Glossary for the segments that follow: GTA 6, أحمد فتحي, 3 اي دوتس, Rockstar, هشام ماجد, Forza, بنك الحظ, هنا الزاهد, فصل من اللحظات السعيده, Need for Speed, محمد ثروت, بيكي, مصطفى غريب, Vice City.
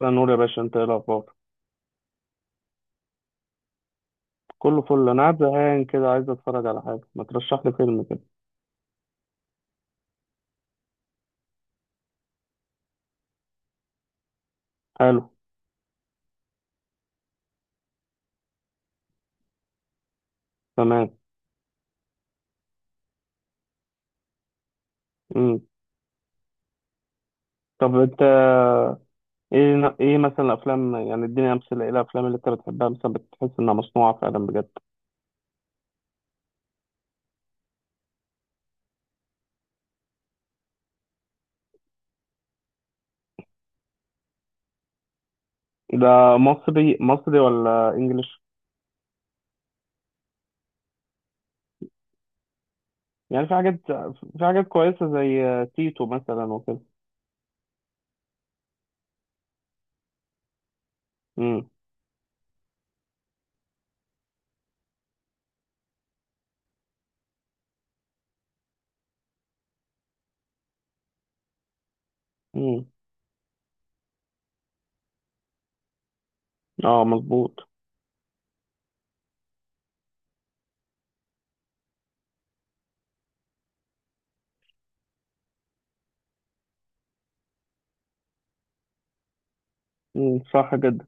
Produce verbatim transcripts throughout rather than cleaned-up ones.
لا نور يا باشا، انت ايه الاخبار؟ كله فل، انا قاعد زهقان كده عايز اتفرج على حاجه، ما ترشح لي فيلم كده. حلو. تمام. امم طب انت؟ ايه ايه مثلا الافلام، يعني اديني امثله، ايه الافلام اللي انت بتحبها مثلا بتحس انها مصنوعه فعلا بجد؟ ده مصري مصري ولا انجليش؟ يعني في حاجات، في حاجات كويسه زي تيتو مثلا وكده. امم. امم. اه، مظبوط. امم، صح جدا.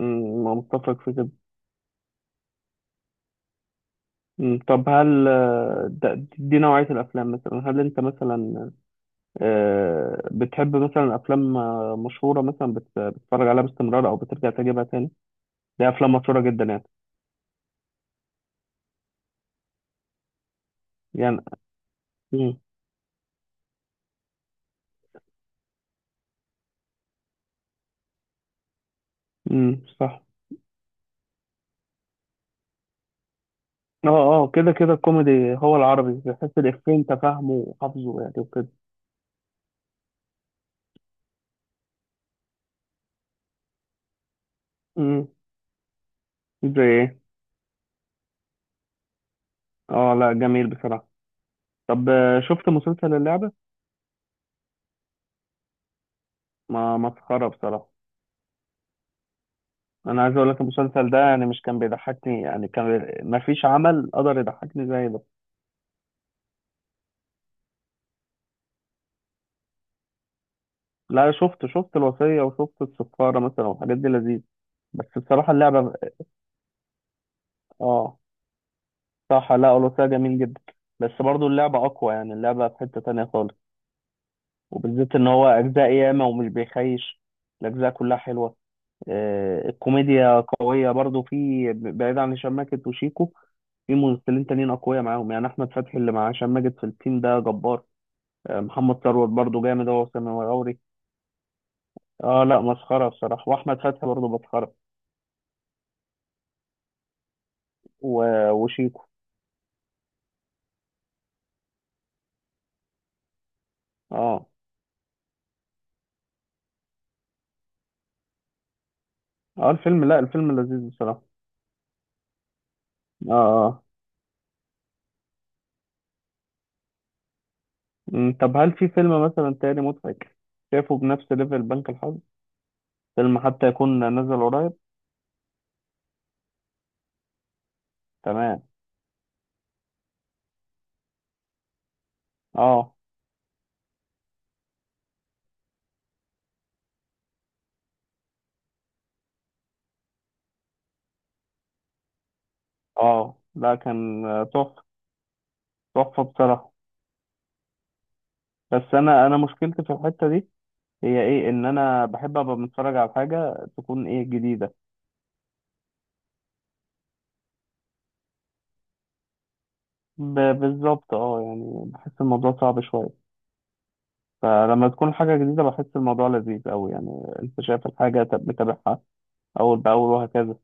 امم متفق في كده. مم. طب هل آه، ده- دي نوعية الأفلام؟ مثلا هل أنت مثلا آه، بتحب مثلا افلام آه، مشهوره، مثلا بت- بتتفرج عليها باستمرار او بترجع تجيبها تاني؟ دي افلام مشهوره جدا يعني. يعني. امم. امم صح. اه. اه، كده كده الكوميدي هو العربي، بحس الافيه انت فاهمه وحافظه يعني وكده. امم. زي ايه؟ اه، لا جميل بصراحه. طب آه، شفت مسلسل اللعبه؟ ما مسخره بصراحه. انا عايز اقول لك المسلسل ده يعني مش كان بيضحكني، يعني كان ما فيش عمل قدر يضحكني زي ده. لا، شفت شفت الوصية وشفت السفارة مثلا والحاجات دي لذيذ. بس بصراحة اللعبة. اه. صح، لا الوصية جميل جدا. بس برضو اللعبة أقوى، يعني اللعبة في حتة تانية خالص. وبالذات إن هو أجزاء ياما ومش بيخيش. الأجزاء كلها حلوة. آه الكوميديا قوية برضو، في بعيد عن هشام ماجد وشيكو. في ممثلين تانيين أقوياء معاهم، يعني أحمد فتحي اللي مع هشام ماجد في التيم ده جبار. آه محمد ثروت برضو جامد هو وسامي غوري. اه لا، مسخرة بصراحة، وأحمد فتحي برضو مسخرة. و- وشيكو. اه، اه، الفيلم، لا الفيلم لذيذ بصراحة. اه. اه. أمم، طب هل في فيلم مثلا تاني مضحك شايفه بنفس ليفل بنك الحظ؟ فيلم حتى يكون نزل قريب. تمام. اه. اه لا، كان آه، تحفة. تحفة بصراحة. بس انا انا مشكلتي في الحتة دي، هي ايه؟ ان انا بحب ابقى متفرج على حاجة تكون ايه؟ جديدة. ب- بالظبط، اه يعني بحس الموضوع صعب شوية. فلما تكون حاجة جديدة بحس الموضوع لذيذ أوي يعني. أنت شايف الحاجة تب- متابعها أول بأول وهكذا.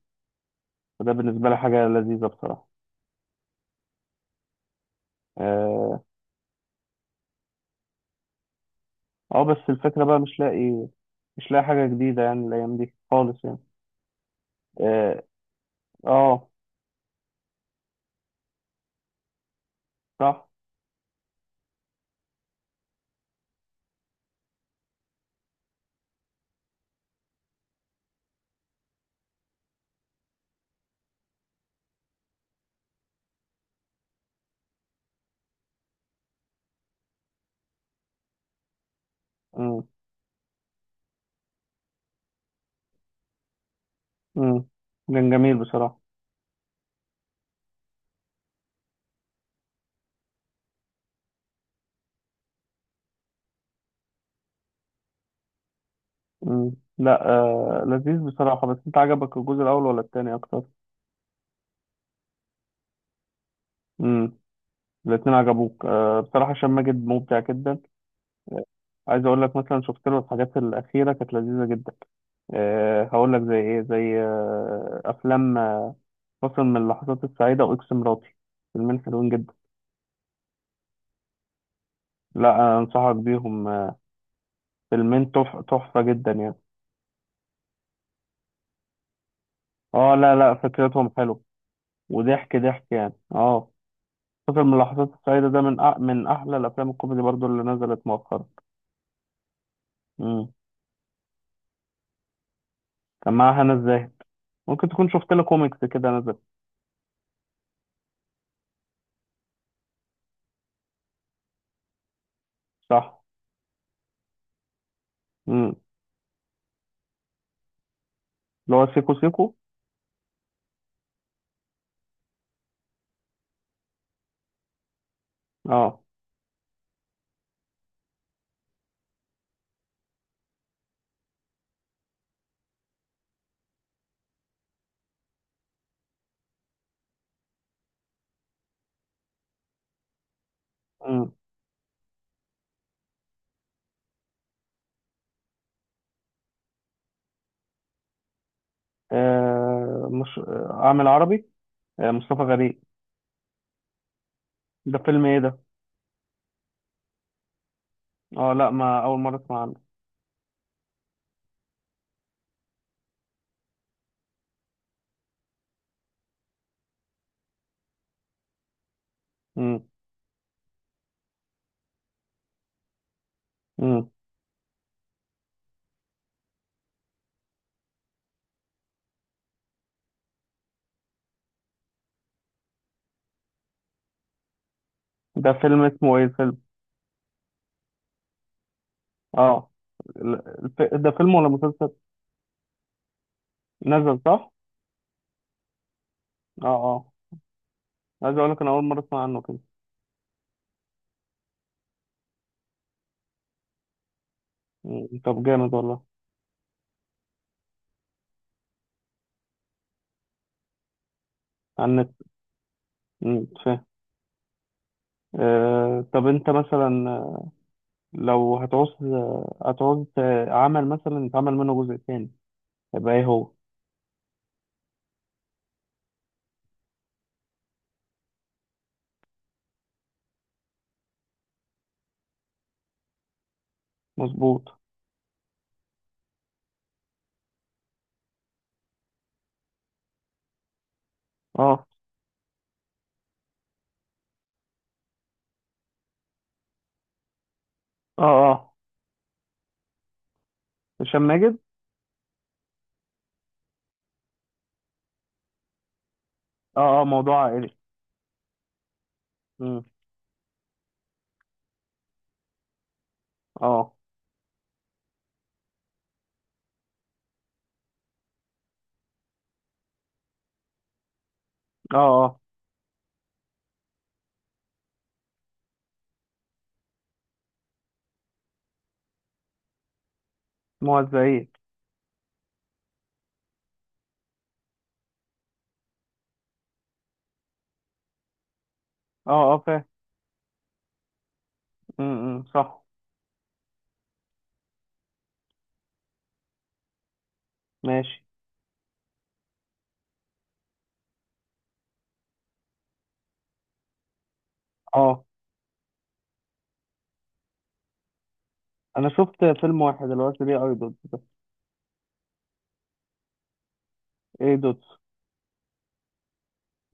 فده بالنسبة لي حاجة لذيذة بصراحة. اه، آه، بس الفكرة بقى مش لاقي مش لاقي حاجة جديدة يعني، الأيام دي خالص يعني. اه. آه، صح. مم. مم. كان جميل بصراحة. مم. لا، آه لذيذ بصراحة. بس انت عجبك الجزء الأول ولا التاني أكتر؟ مم. الاتنين عجبوك. آه بصراحة هشام ماجد مبدع جدا. عايز اقول لك مثلا شفت له الحاجات الاخيره كانت لذيذه جدا. أه هقول لك زي ايه، زي أه افلام آه، فصل من اللحظات السعيده واكس مراتي. فيلمين حلوين جدا. لا انصحك بيهم آه، فيلمين تح- تحفه جدا يعني. اه لا لا، فكرتهم حلوه، وضحك ضحك يعني. اه، فصل من اللحظات السعيده ده من أ... من احلى الافلام الكوميدي برضو اللي نزلت مؤخرا. امم. كان معاها هنا الزاهد. ممكن تكون شفت له كوميكس كده نزل. صح. امم. اللي هو سيكو سيكو. اه. آه مش آه، اعمل عربي، آه مصطفى غريب. ده فيلم ايه ده؟ اه لا، ما اول مره اسمع عنه. مم. مم. ده فيلم اسمه ايه الفيلم؟ اه، ال- الف- ده فيلم ولا مسلسل؟ نزل صح. اه. اه. عايز اقول لك انا اول مره اسمع عنه كده. مم. طب جامد والله. على النت. مم، فاهم. آه طب انت مثلا، آه، لو هتعوز آه، هتعوز آه، عمل مثلا يتعمل منه جزء تاني، يبقى ايه هو؟ مظبوط. اه. اه. اه. هشام ماجد. اه. اه. موضوع عائلي. اه. اه. اه. موزعين. اه. اه، فاهم. م- م، صح. ماشي. اه، انا شفت فيلم واحد اللي هو ثري اي دوتس ده. اي دوتس.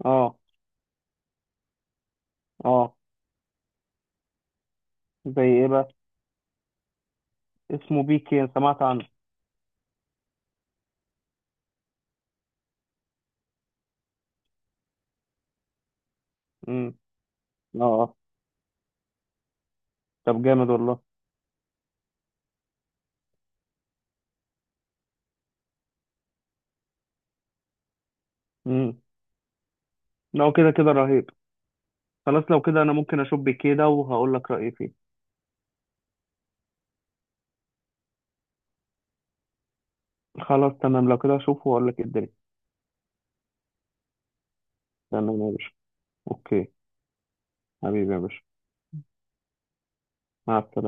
اه. اه. زي ايه بقى؟ اسمه بيكي، أنا سمعت عنه. امم. اه. آه. طب جامد والله. امم. لو كده كده رهيب. خلاص، لو كده انا ممكن اشوف بيكي ده وهقول لك رايي فيه. خلاص تمام، لو كده اشوفه واقول لك إيه الدنيا. تمام يا باشا. اوكي. حبيبي يا باشا. مع السلامه.